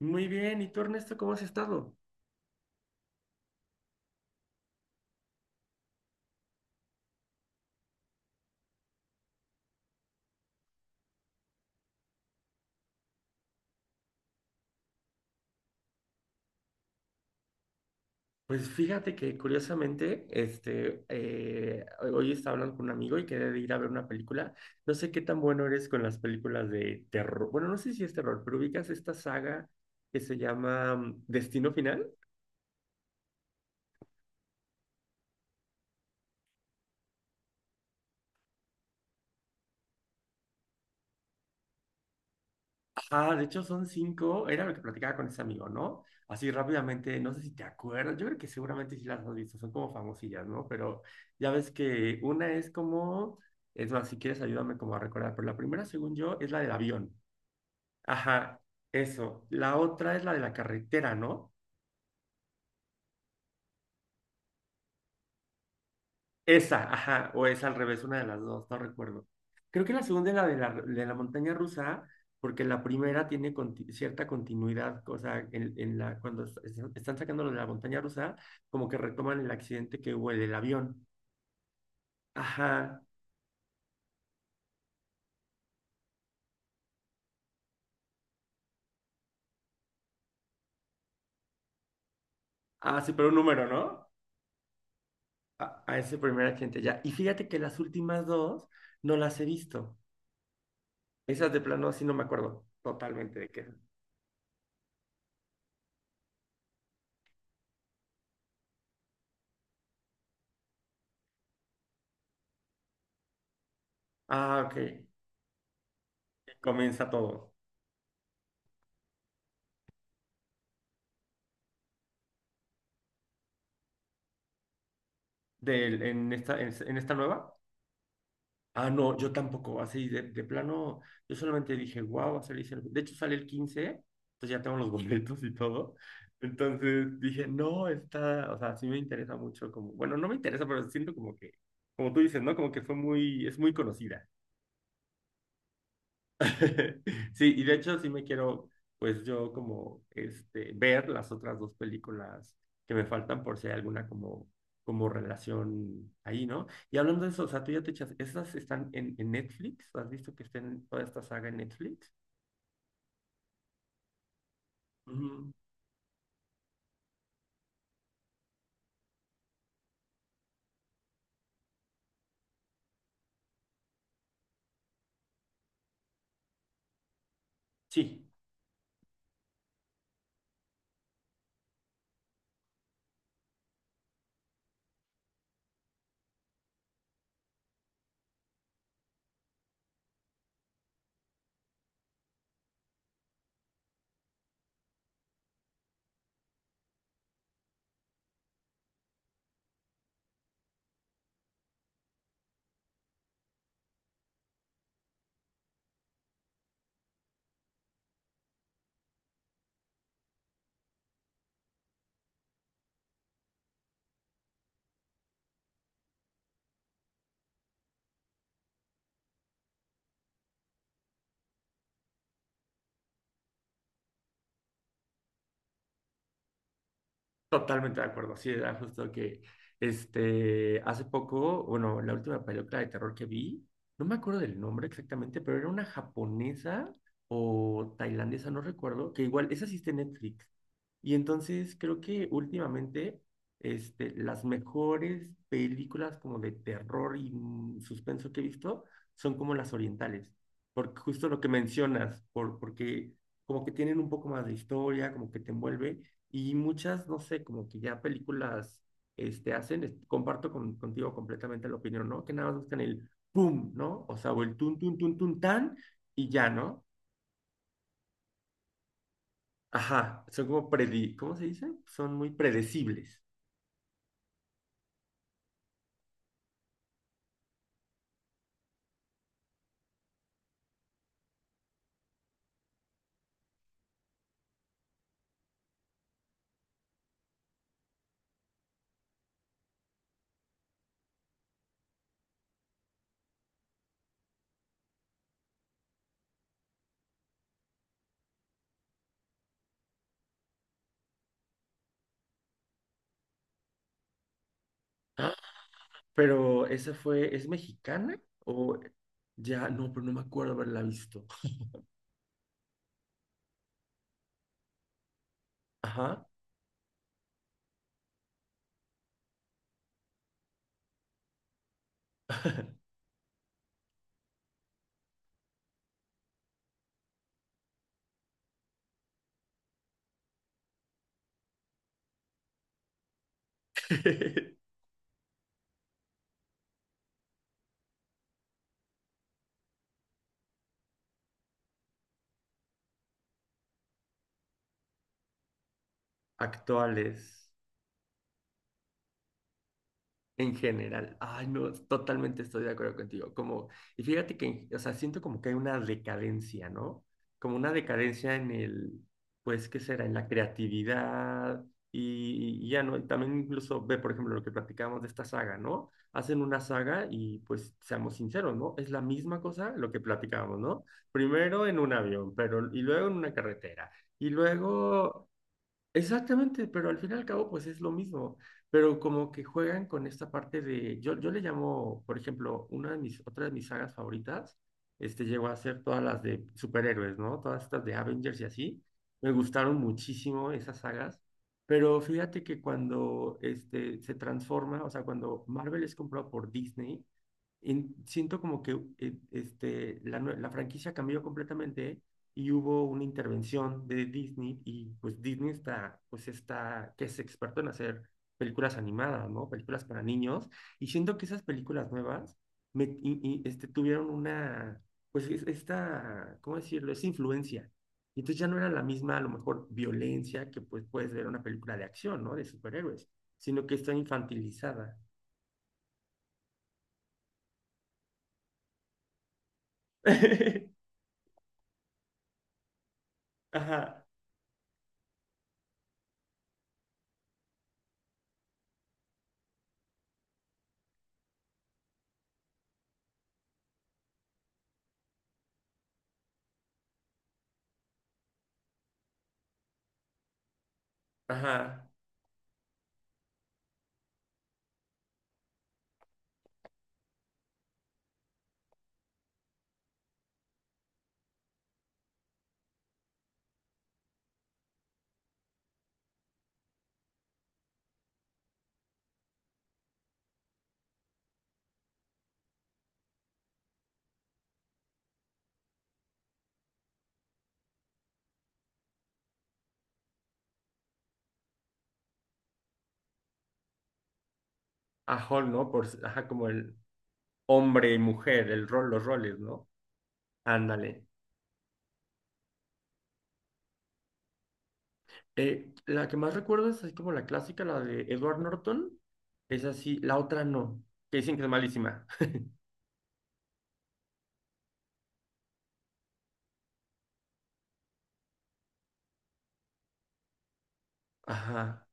Muy bien, ¿y tú, Ernesto, cómo has estado? Pues fíjate que curiosamente, hoy estaba hablando con un amigo y quería de ir a ver una película. No sé qué tan bueno eres con las películas de terror. Bueno, no sé si es terror, pero ubicas esta saga que se llama Destino Final. Ah, de hecho son cinco, era lo que platicaba con ese amigo, ¿no? Así rápidamente, no sé si te acuerdas, yo creo que seguramente sí las has visto, son como famosillas, ¿no? Pero ya ves que una es como, es más, si quieres ayúdame como a recordar, pero la primera, según yo, es la del avión. Ajá, eso. La otra es la de la carretera, ¿no? Esa, ajá, o es al revés, una de las dos, no recuerdo. Creo que la segunda es la de la montaña rusa, porque la primera tiene cierta continuidad, o sea, en la, cuando están sacando lo de la montaña rusa, como que retoman el accidente que hubo en el avión. Ajá, ah, sí, pero un número, ¿no? A ese primer accidente ya. Y fíjate que las últimas dos no las he visto. Esas de plano, sí no me acuerdo totalmente de qué. Ah, ok, comienza todo. En esta, en esta nueva. Ah, no, yo tampoco, así de plano, yo solamente dije, wow, va a salir Sergio". De hecho, sale el 15, entonces ya tengo los boletos y todo. Entonces dije, no, está, o sea, sí me interesa mucho, como, bueno, no me interesa, pero siento como que, como tú dices, ¿no? Como que fue muy, es muy conocida. Sí, y de hecho sí me quiero, pues yo como, ver las otras dos películas que me faltan por si hay alguna como relación ahí, ¿no? Y hablando de eso, o sea, tú ya te echas, ¿esas están en Netflix? ¿Has visto que estén toda esta saga en Netflix? Ujú. Sí. Totalmente de acuerdo, sí, era justo que hace poco, bueno, la última película de terror que vi, no me acuerdo del nombre exactamente, pero era una japonesa o tailandesa, no recuerdo, que igual, esa sí está en Netflix. Y entonces creo que últimamente las mejores películas como de terror y suspenso que he visto son como las orientales, porque justo lo que mencionas, porque como que tienen un poco más de historia, como que te envuelve. Y muchas, no sé, como que ya películas hacen, comparto contigo completamente la opinión, ¿no? Que nada más buscan el pum, ¿no? O sea, o el tun, tun, tun, tun, tan, y ya, ¿no? Ajá, son como ¿cómo se dice? Son muy predecibles. Ah, pero esa fue, ¿es mexicana? O ya, no, pero no me acuerdo haberla visto. Ajá. Actuales. En general, ay, no, totalmente estoy de acuerdo contigo. Como, y fíjate que, o sea, siento como que hay una decadencia, ¿no? Como una decadencia en el, pues, ¿qué será? En la creatividad y ya, ¿no? Y también incluso ve, por ejemplo, lo que platicábamos de esta saga, ¿no? Hacen una saga y, pues, seamos sinceros, ¿no? Es la misma cosa lo que platicábamos, ¿no? Primero en un avión, pero, y luego en una carretera, y luego. Exactamente, pero al fin y al cabo, pues es lo mismo, pero como que juegan con esta parte de, yo le llamo, por ejemplo, una de mis, otra de mis sagas favoritas, llegó a ser todas las de superhéroes, ¿no? Todas estas de Avengers y así, me gustaron muchísimo esas sagas, pero fíjate que cuando se transforma, o sea, cuando Marvel es comprado por Disney, siento como que la franquicia cambió completamente y hubo una intervención de Disney y pues Disney está, pues está, que es experto en hacer películas animadas, ¿no? Películas para niños. Y siento que esas películas nuevas me, y, este, tuvieron una, pues esta, ¿cómo decirlo? Esa influencia. Y entonces ya no era la misma, a lo mejor, violencia que pues puedes ver en una película de acción, ¿no? De superhéroes, sino que está infantilizada. Ajá. Ajá. A Hall, ¿no? Ajá, como el hombre y mujer, el rol, los roles, ¿no? Ándale. La que más recuerdo es así como la clásica, la de Edward Norton. Es así, la otra no, que dicen que es malísima. Ajá,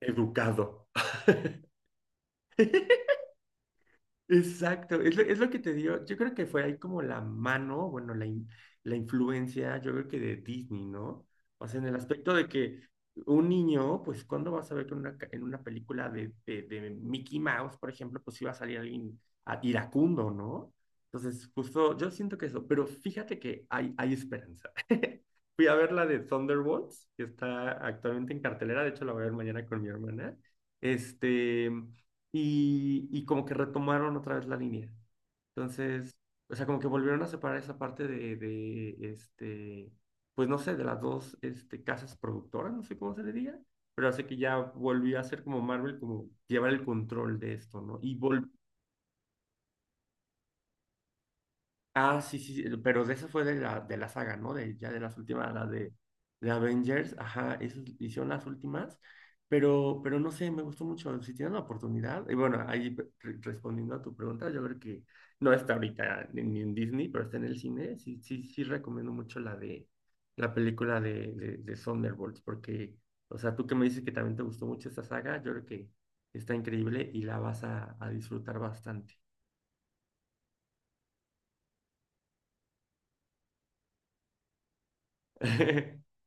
educado. Exacto, es lo que te digo. Yo creo que fue ahí como la mano, bueno, la influencia, yo creo que de Disney, ¿no? O sea, en el aspecto de que un niño, pues, ¿cuándo vas a ver que en una película de Mickey Mouse, por ejemplo, pues iba a salir alguien iracundo, ¿no? Entonces, justo yo siento que eso, pero fíjate que hay esperanza. Fui a ver la de Thunderbolts, que está actualmente en cartelera, de hecho la voy a ver mañana con mi hermana. Este y como que retomaron otra vez la línea. Entonces, o sea, como que volvieron a separar esa parte de, pues no sé, de las dos casas productoras, no sé cómo se le diga, pero hace que ya volvió a ser como Marvel, como llevar el control de esto, ¿no? Y vol Ah, sí, sí, sí, pero de esa fue de la saga, ¿no? Ya de las últimas, la de Avengers, ajá, esas hicieron las últimas, pero no sé, me gustó mucho, si tienen la oportunidad, y bueno, ahí respondiendo a tu pregunta, yo creo que no está ahorita ni en Disney, pero está en el cine, sí, sí, sí recomiendo mucho la película de Thunderbolts, porque, o sea, tú que me dices que también te gustó mucho esta saga, yo creo que está increíble y la vas a disfrutar bastante.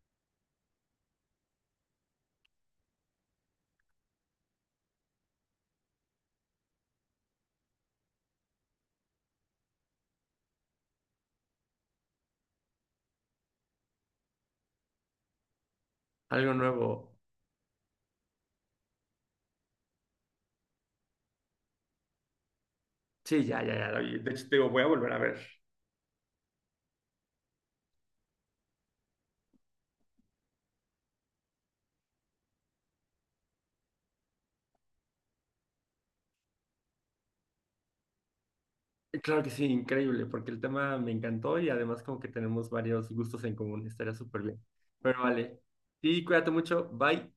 Algo nuevo. Sí, ya, ya, ya la vi. De hecho, te digo, voy a volver a ver. Claro que sí, increíble, porque el tema me encantó y además como que tenemos varios gustos en común, estaría súper bien. Pero vale, sí, cuídate mucho, bye.